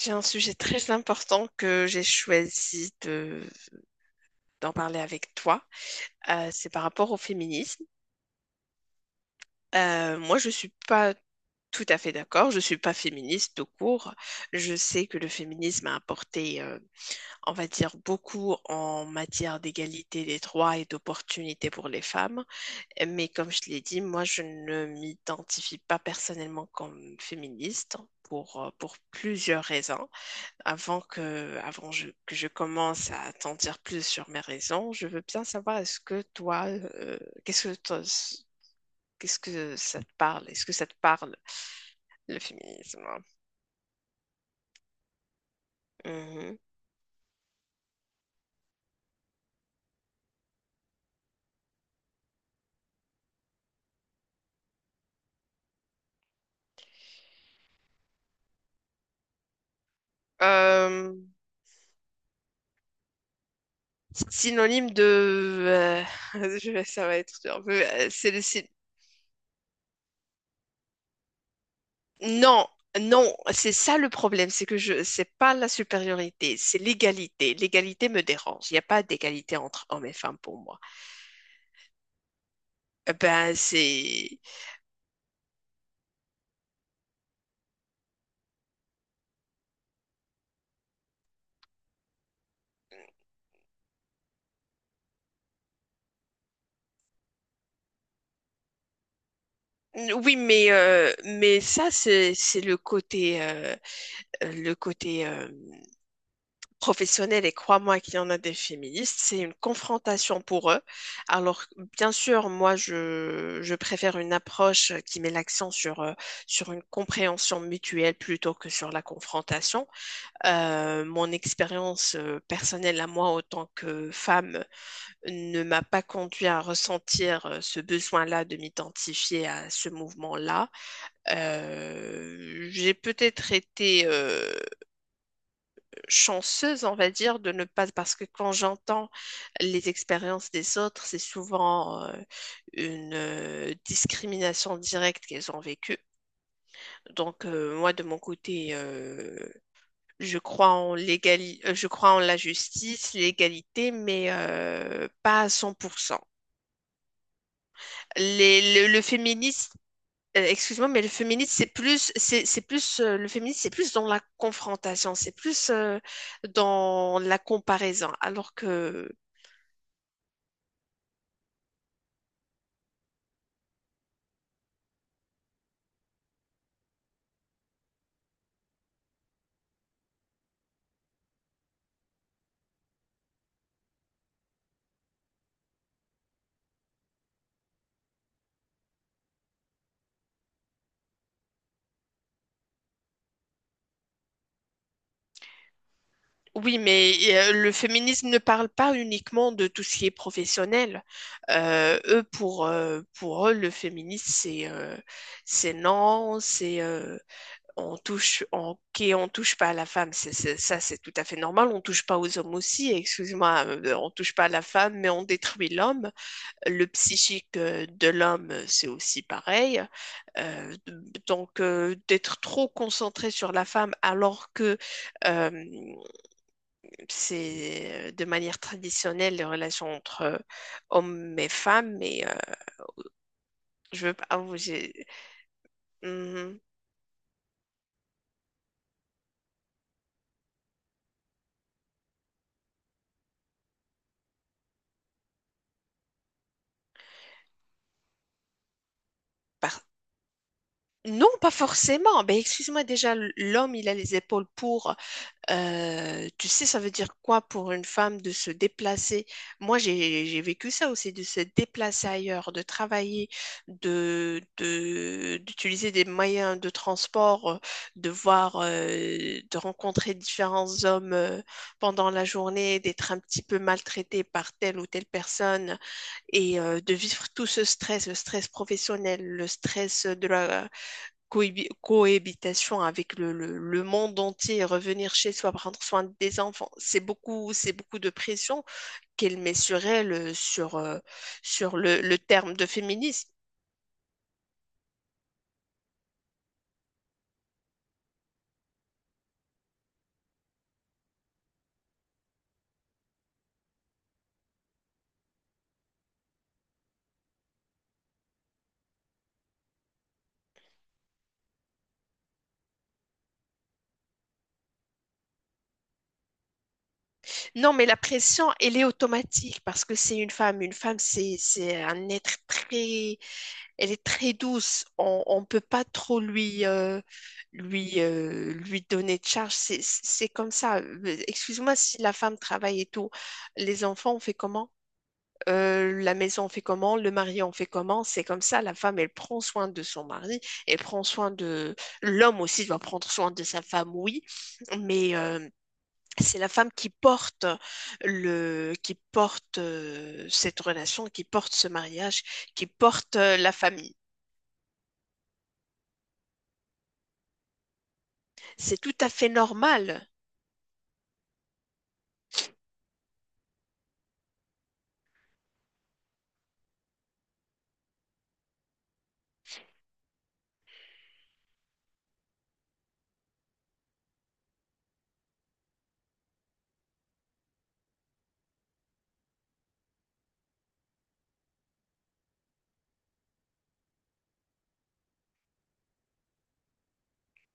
J'ai un sujet très important que j'ai choisi d'en parler avec toi. C'est par rapport au féminisme. Moi, je suis pas tout à fait d'accord. Je suis pas féministe tout court. Je sais que le féminisme a apporté, on va dire, beaucoup en matière d'égalité des droits et d'opportunités pour les femmes. Mais comme je l'ai dit, moi, je ne m'identifie pas personnellement comme féministe pour plusieurs raisons. Avant que, avant je- que je commence à t'en dire plus sur mes raisons, je veux bien savoir est-ce que toi, qu'est-ce que toi, qu'est-ce que ça te parle? Est-ce que ça te parle, le féminisme? Mhm. Euh, Synonyme de, ça va être dur. Mais, non, non, c'est ça le problème, c'est c'est pas la supériorité, c'est l'égalité. L'égalité me dérange. Il n'y a pas d'égalité entre hommes et femmes pour moi. Ben c'est Oui, mais, ça, c'est le côté, euh, le côté euh, professionnel, et crois-moi qu'il y en a des féministes, c'est une confrontation pour eux. Alors, bien sûr, moi, je préfère une approche qui met l'accent sur une compréhension mutuelle plutôt que sur la confrontation. Mon expérience personnelle à moi, en tant que femme, ne m'a pas conduit à ressentir ce besoin-là de m'identifier à ce mouvement-là. J'ai peut-être été chanceuse, on va dire, de ne pas, parce que quand j'entends les expériences des autres, c'est souvent une discrimination directe qu'elles ont vécue. Donc moi, de mon côté, je crois en la justice, l'égalité, mais pas à 100%. Le féminisme, excuse-moi, mais le féminisme, c'est plus, c'est plus dans la confrontation, c'est plus dans la comparaison. Alors que, oui, mais le féminisme ne parle pas uniquement de tout ce qui est professionnel. Pour eux, le féminisme, c'est non, c'est on touche, ok, on touche pas à la femme, ça, c'est tout à fait normal. On touche pas aux hommes aussi, excuse-moi, on touche pas à la femme, mais on détruit l'homme. Le psychique de l'homme, c'est aussi pareil. Euh, donc, d'être trop concentré sur la femme alors que euh, c'est de manière traditionnelle les relations entre hommes et femmes, mais je veux pas Hum, par- non, pas forcément. Ben, excuse-moi, déjà, l'homme, il a les épaules pour. Tu sais, ça veut dire quoi pour une femme de se déplacer? Moi, j'ai vécu ça aussi, de se déplacer ailleurs, de travailler, d'utiliser des moyens de transport, de voir, de rencontrer différents hommes pendant la journée, d'être un petit peu maltraitée par telle ou telle personne et de vivre tout ce stress, le stress professionnel, le stress de la cohabitation avec le monde entier, revenir chez soi, prendre soin des enfants. C'est beaucoup de pression qu'elle met sur elle, sur le terme de féminisme. Non, mais la pression, elle est automatique parce que c'est une femme. Une femme, c'est un être très, elle est très douce. On ne peut pas trop lui donner de charge. C'est comme ça. Excuse-moi si la femme travaille et tout. Les enfants, on fait comment? La maison, on fait comment? Le mari en fait comment? C'est comme ça, la femme, elle prend soin de son mari, elle prend soin de... L'homme aussi doit prendre soin de sa femme, oui, mais c'est la femme qui porte le... qui porte cette relation, qui porte ce mariage, qui porte la famille. C'est tout à fait normal.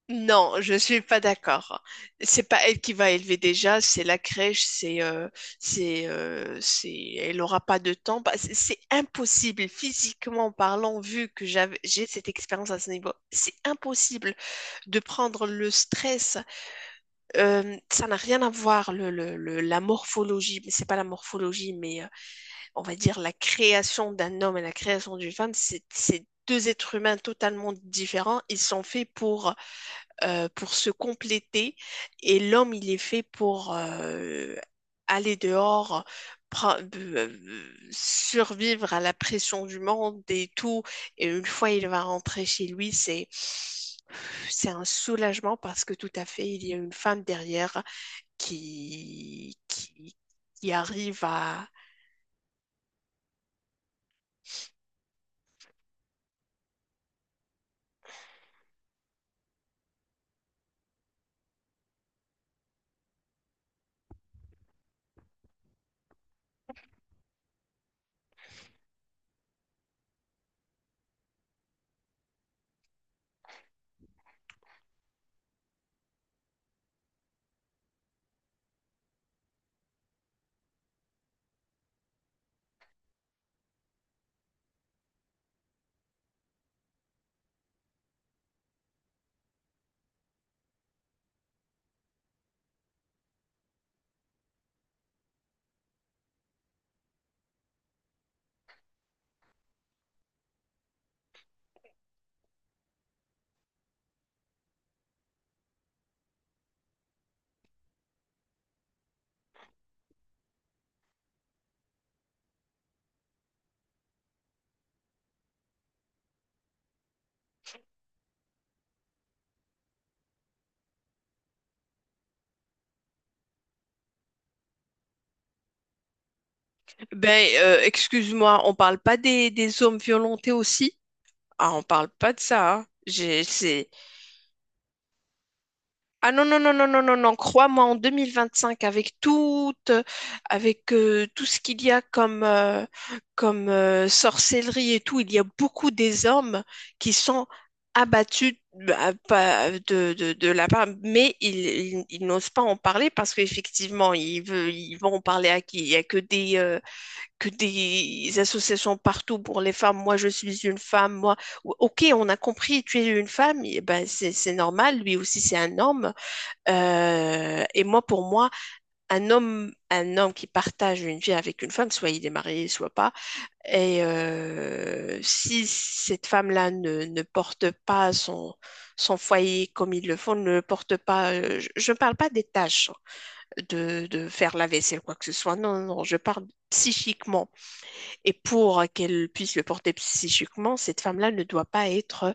Non, je suis pas d'accord. C'est pas elle qui va élever déjà, c'est la crèche, c'est c'est elle aura pas de temps. Bah, c'est impossible physiquement parlant vu que j'ai cette expérience à ce niveau. C'est impossible de prendre le stress. Ça n'a rien à voir la morphologie, mais c'est pas la morphologie, mais on va dire la création d'un homme et la création d'une femme, c'est deux êtres humains totalement différents. Ils sont faits pour se compléter. Et l'homme, il est fait pour aller dehors, survivre à la pression du monde et tout. Et une fois il va rentrer chez lui, c'est un soulagement parce que tout à fait, il y a une femme derrière qui, qui, qui arrive à... Ben, excuse-moi, on parle pas des hommes violentés aussi? Ah, on parle pas de ça, hein. Ah non, non, non, non, non, non, non, crois-moi, en 2025 avec tout ce qu'il y a comme, sorcellerie et tout, il y a beaucoup des hommes qui sont abattus bah, de la part, mais ils n'osent pas en parler parce qu'effectivement, ils vont en parler à qui? Il y a que que des associations partout pour les femmes. Moi, je suis une femme, moi. Ok, on a compris, tu es une femme, et ben, c'est normal, lui aussi, c'est un homme. Et moi, pour moi, un homme qui partage une vie avec une femme, soit il est marié, soit pas, et si cette femme-là ne porte pas son foyer comme ils le font, ne porte pas, je ne parle pas des tâches hein, de, faire la vaisselle, quoi que ce soit, non, non, non, je parle psychiquement. Et pour qu'elle puisse le porter psychiquement, cette femme-là ne doit pas être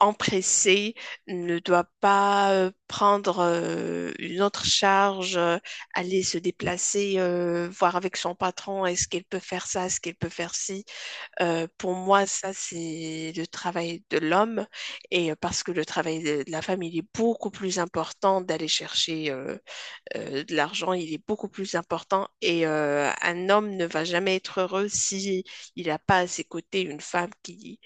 empressé, ne doit pas prendre une autre charge, aller se déplacer, voir avec son patron, est-ce qu'elle peut faire ça, est-ce qu'elle peut faire ci. Pour moi, ça, c'est le travail de l'homme et parce que le travail de la femme, il est beaucoup plus important d'aller chercher de l'argent, il est beaucoup plus important et un homme ne va jamais être heureux si il n'a pas à ses côtés une femme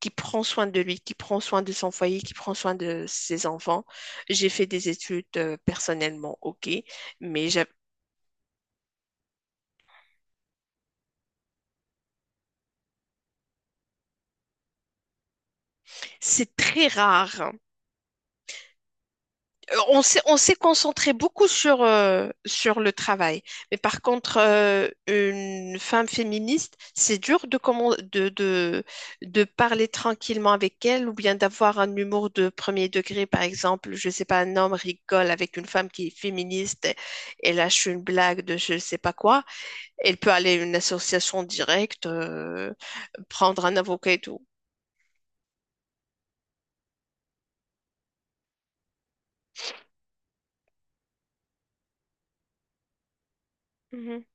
qui prend soin de lui, qui prend soin de son foyer, qui prend soin de ses enfants. J'ai fait des études personnellement, ok, mais j'a- c'est très rare, hein. On s'est concentré beaucoup sur le travail, mais par contre, une femme féministe, c'est dur de, comment, de parler tranquillement avec elle ou bien d'avoir un humour de premier degré, par exemple. Je sais pas, un homme rigole avec une femme qui est féministe et lâche une blague de je sais pas quoi. Elle peut aller à une association directe, prendre un avocat et tout. Mhm.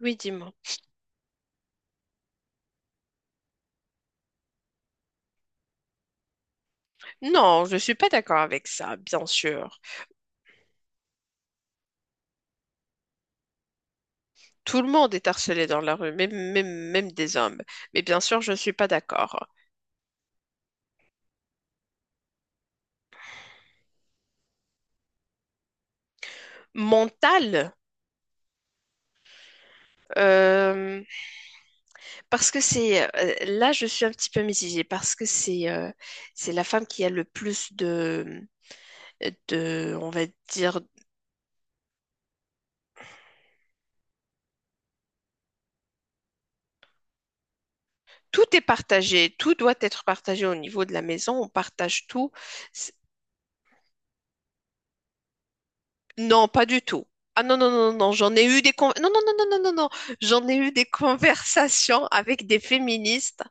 Oui, dis-moi. Non, je ne suis pas d'accord avec ça, bien sûr. Tout le monde est harcelé dans la rue, même, même, même des hommes. Mais bien sûr, je ne suis pas d'accord. Mental, euh, parce que c'est... Là, je suis un petit peu mitigée, parce que c'est la femme qui a le plus de... On va dire... Tout est partagé, tout doit être partagé au niveau de la maison, on partage tout. Non, pas du tout. Ah non, non, non, non, j'en ai eu des con- non, non, non, non, non, non, non. J'en ai eu des conversations avec des féministes.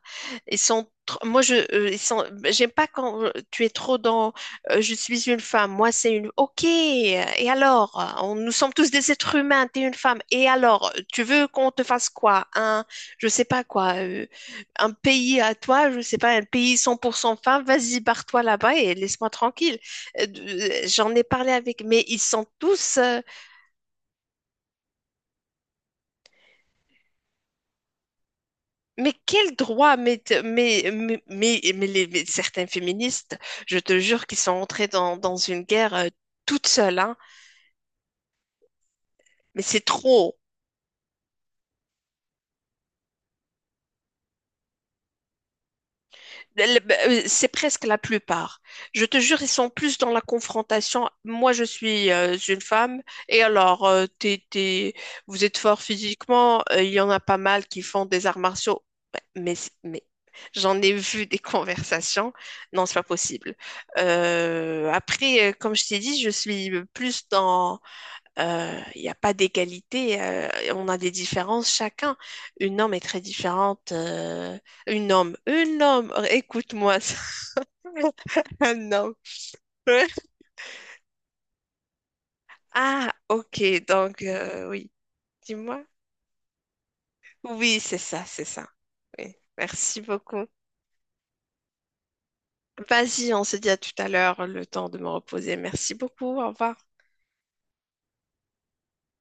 Ils sont tr- moi je ils sont j'aime pas quand tu es trop dans je suis une femme, moi c'est une OK, et alors nous sommes tous des êtres humains, t'es une femme. Et alors, tu veux qu'on te fasse quoi? Un je sais pas quoi, un pays à toi, je sais pas, un pays 100% femme, vas-y, barre-toi là-bas et laisse-moi tranquille euh, j'en ai parlé avec, mais ils sont tous. Mais quel droit, mais certains féministes, je te jure qu'ils sont entrés dans une guerre toutes seules, hein. Mais c'est trop. C'est presque la plupart. Je te jure, ils sont plus dans la confrontation. Moi, je suis une femme, et alors, vous êtes fort physiquement. Il y en a pas mal qui font des arts martiaux. Ben, mais j'en ai vu des conversations. Non, c'est pas possible. Après, comme je t'ai dit, je suis plus dans il n'y a pas d'égalité, on a des différences chacun. Une homme est très différente. Une homme, écoute-moi ça. Un homme. Ah, ok, donc oui, dis-moi. Oui, c'est ça, c'est ça. Oui, merci beaucoup. Vas-y, on se dit à tout à l'heure, le temps de me reposer. Merci beaucoup, au revoir.